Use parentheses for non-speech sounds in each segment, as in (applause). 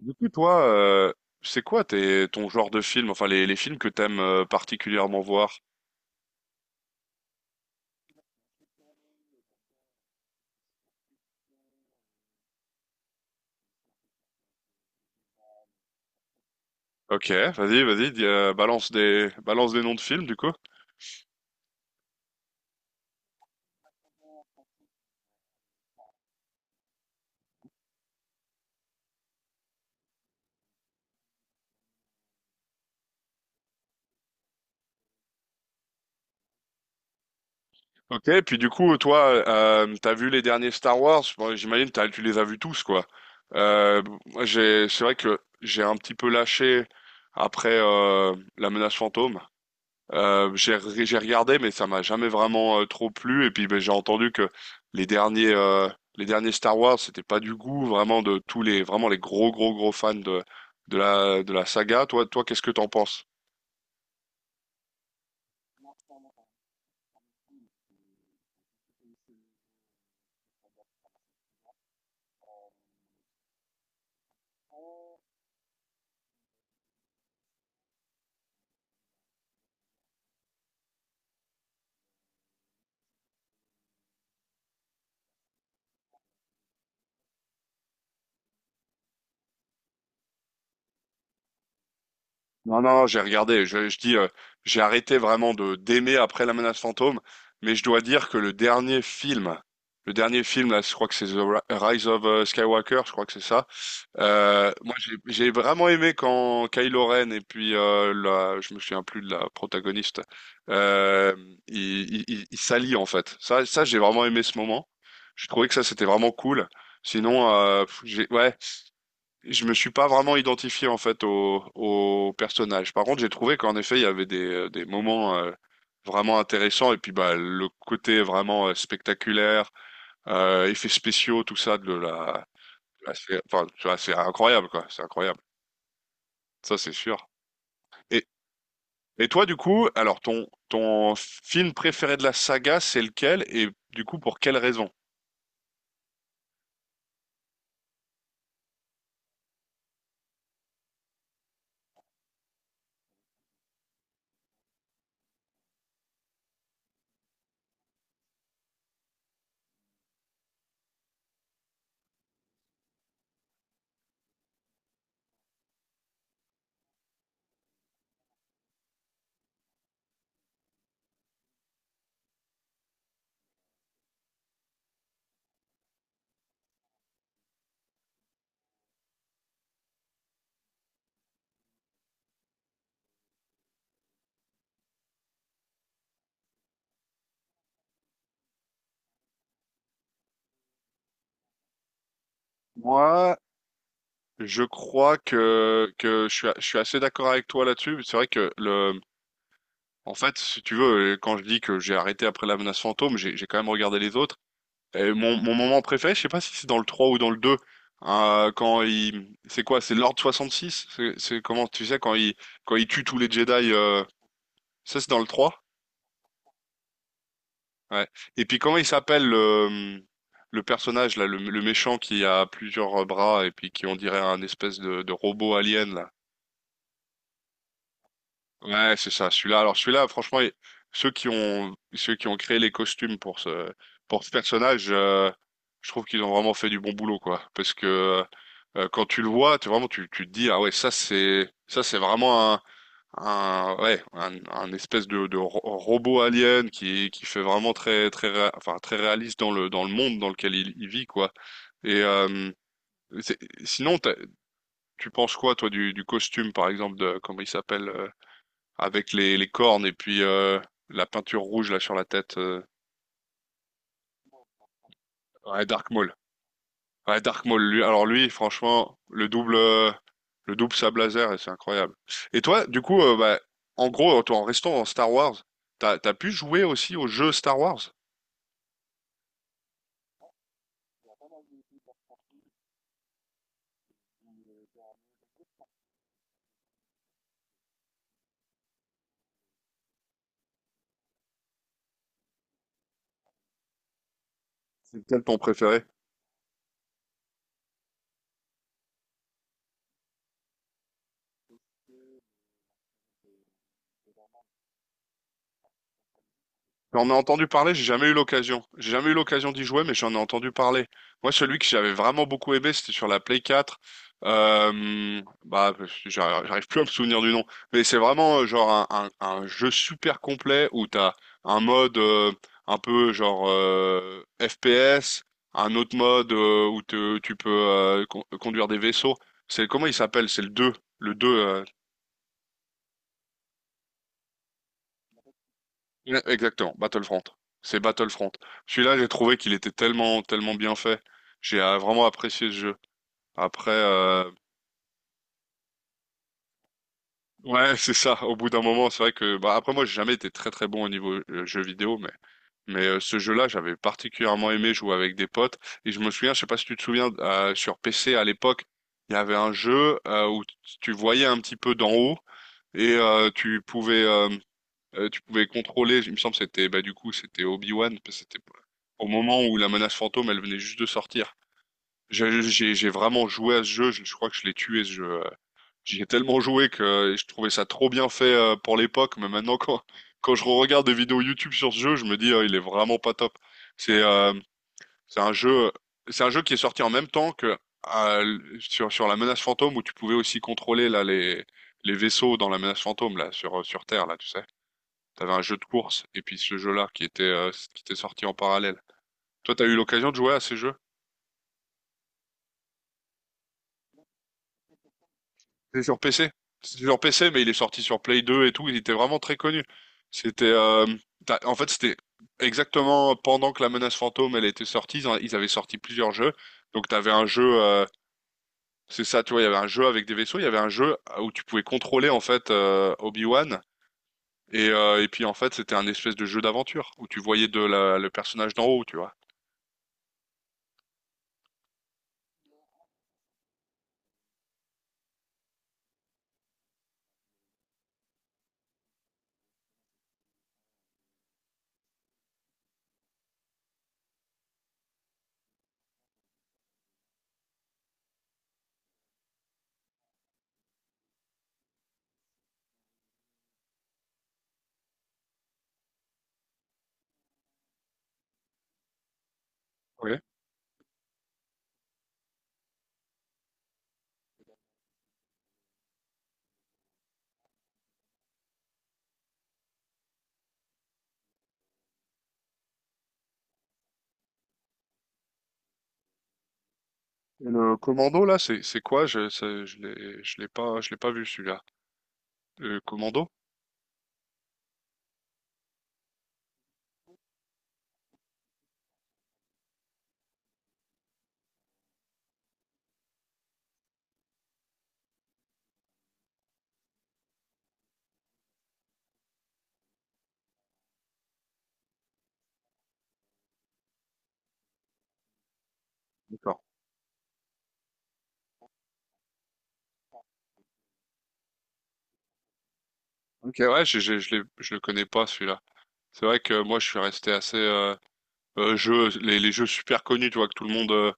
Du coup, toi, c'est quoi ton genre de film, enfin les films que t'aimes, particulièrement voir? Ok, vas-y, vas-y, dis, balance des noms de films du coup. Ok, puis du coup, toi, t'as vu les derniers Star Wars? Bon, j'imagine tu les as vus tous, quoi. Euh, moi, c'est vrai que j'ai un petit peu lâché après, La Menace Fantôme. J'ai regardé, mais ça m'a jamais vraiment, trop plu. Et puis ben, j'ai entendu que les derniers euh, les derniers Star Wars, c'était pas du goût vraiment de tous les vraiment les gros gros gros fans de la saga. Toi, qu'est-ce que t'en penses? Non non, non, j'ai regardé. Je dis, j'ai arrêté vraiment de d'aimer après La Menace Fantôme, mais je dois dire que le dernier film là, je crois que c'est The Rise of, Skywalker, je crois que c'est ça. Moi, j'ai vraiment aimé quand Kylo Ren et puis, je me souviens plus de la protagoniste, euh, ils s'allient en fait. Ça, j'ai vraiment aimé ce moment. Je trouvais que ça, c'était vraiment cool. Sinon, ouais, je me suis pas vraiment identifié en fait au personnage. Par contre, j'ai trouvé qu'en effet, il y avait des moments, vraiment intéressants, et puis bah le côté vraiment, spectaculaire, effets spéciaux, tout ça de enfin, tu vois, c'est incroyable, quoi, c'est incroyable. Ça, c'est sûr. Et, et toi, du coup, alors ton film préféré de la saga, c'est lequel? Et du coup, pour quelle raison? Moi, je crois que je suis assez d'accord avec toi là-dessus. C'est vrai que en fait, si tu veux, quand je dis que j'ai arrêté après La Menace Fantôme, j'ai quand même regardé les autres. Et mon moment préféré, je sais pas si c'est dans le 3 ou dans le 2. Hein, c'est quoi? C'est l'Ordre 66? C'est comment, tu sais, quand il tue tous les Jedi, ça, c'est dans le 3. Ouais. Et puis comment il s'appelle le personnage là, le méchant qui a plusieurs, bras et puis qui, on dirait un espèce de robot alien là. Ouais, c'est ça, celui-là. Alors celui-là, franchement, ceux qui ont créé les costumes pour ce personnage, je trouve qu'ils ont vraiment fait du bon boulot, quoi. Parce que, quand tu le vois, tu vraiment tu tu te dis ah ouais, ça c'est vraiment un ouais un espèce de robot alien qui fait vraiment très très enfin très réaliste dans le monde dans lequel il vit, quoi. Et, c'est- sinon tu penses quoi toi du costume, par exemple, de comment il s'appelle, avec les cornes et puis, la peinture rouge là sur la tête. Ouais, Dark Maul. Ouais, Dark Maul. Lui, alors lui, franchement, le double sabre laser, c'est incroyable. Et toi, du coup, bah, en gros, toi, en restant en Star Wars, t'as pu jouer aussi aux jeux Star Wars? C'est lequel ton préféré? J'en ai entendu parler, j'ai jamais eu l'occasion. J'ai jamais eu l'occasion d'y jouer, mais j'en ai entendu parler. Moi, celui que j'avais vraiment beaucoup aimé, c'était sur la Play 4. Bah, j'arrive plus à me souvenir du nom, mais c'est vraiment, genre un jeu super complet où t'as un mode, un peu genre, FPS, un autre mode, où tu peux, conduire des vaisseaux. C'est comment il s'appelle? C'est le 2. Le deux. Ouais, exactement, Battlefront. C'est Battlefront. Celui-là, j'ai trouvé qu'il était tellement, tellement bien fait. J'ai vraiment apprécié ce jeu. Après, ouais, (laughs) c'est ça. Au bout d'un moment, c'est vrai que, bah, après moi, j'ai jamais été très, très bon au niveau, jeu vidéo, mais, ce jeu-là, j'avais particulièrement aimé jouer avec des potes. Et je me souviens, je sais pas si tu te souviens, sur PC à l'époque, il y avait un jeu, où tu voyais un petit peu d'en haut et, tu pouvais contrôler, il me semble que c'était bah du coup c'était Obi-Wan parce que c'était au moment où La Menace Fantôme elle venait juste de sortir. J'ai vraiment joué à ce jeu, je crois que je l'ai tué ce jeu. J'y ai tellement joué que, je trouvais ça trop bien fait, pour l'époque, mais maintenant quand je regarde des vidéos YouTube sur ce jeu, je me dis, il est vraiment pas top. C'est euh, c'est un jeu qui est sorti en même temps que, sur La Menace Fantôme, où tu pouvais aussi contrôler là les vaisseaux dans La Menace Fantôme là sur Terre là, tu sais. T'avais un jeu de course et puis ce jeu-là qui était sorti en parallèle. Toi, t'as eu l'occasion de jouer à ces jeux? C'est sur PC. C'est sur PC, mais il est sorti sur Play 2 et tout. Il était vraiment très connu. C'était, en fait c'était exactement pendant que La Menace Fantôme elle était sortie. Ils avaient sorti plusieurs jeux. Donc t'avais un jeu, c'est ça, tu vois, il y avait un jeu avec des vaisseaux. Il y avait un jeu où tu pouvais contrôler en fait, Obi-Wan. Et puis en fait c'était un espèce de jeu d'aventure où tu voyais le personnage d'en haut, tu vois. Ok. Et le commando là, c'est quoi? Je ça- je l'ai pas vu celui-là. Le commando? D'accord. Ok, ouais, je le connais pas celui-là. C'est vrai que moi je suis resté assez, les jeux super connus, tu vois, que tout le monde euh,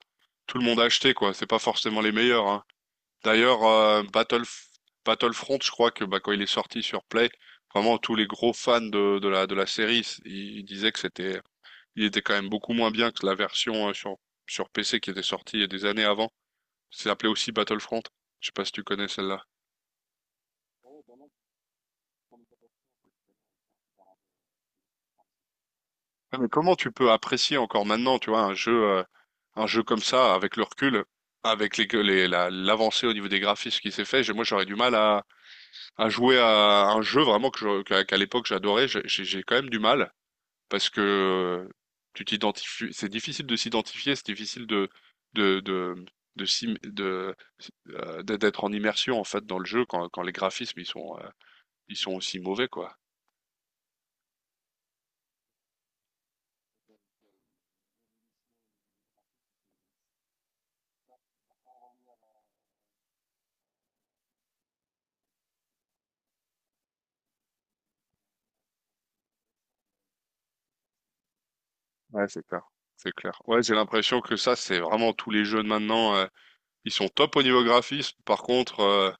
tout le monde a acheté, quoi. C'est pas forcément les meilleurs, hein. D'ailleurs, Battlefront, je crois que bah quand il est sorti sur Play, vraiment tous les gros fans de la série, ils disaient que c'était il était quand même beaucoup moins bien que la version, sur PC, qui était sortie il y a des années avant. C'est appelé aussi Battlefront. Je sais pas si tu connais celle-là. Ouais, mais comment tu peux apprécier encore maintenant, tu vois, un jeu comme ça, avec le recul, avec l'avancée au niveau des graphismes qui s'est fait, moi j'aurais du mal à jouer à un jeu vraiment que je- qu'à qu'à l'époque j'adorais, j'ai quand même du mal, parce que, tu t'identifies, c'est difficile de s'identifier, c'est difficile de de de s'im- de- d'être en immersion en fait dans le jeu, quand les graphismes ils sont, ils sont aussi mauvais, quoi. Ouais, c'est clair. C'est clair. Ouais, j'ai l'impression que ça, c'est vraiment tous les jeux de maintenant. Ils sont top au niveau graphisme. Par contre, euh,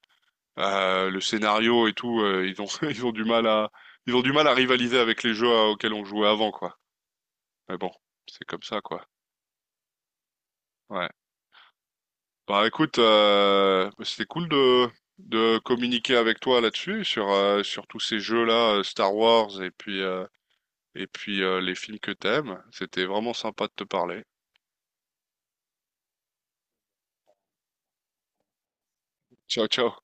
euh, le scénario et tout, ils ont, (laughs) ils ont du mal à, ils ont du mal à rivaliser avec les jeux auxquels on jouait avant, quoi. Mais bon, c'est comme ça, quoi. Ouais. Bah, écoute, c'était cool de, communiquer avec toi là-dessus, sur tous ces jeux-là, Star Wars et puis les films que t'aimes. C'était vraiment sympa de te parler. Ciao, ciao.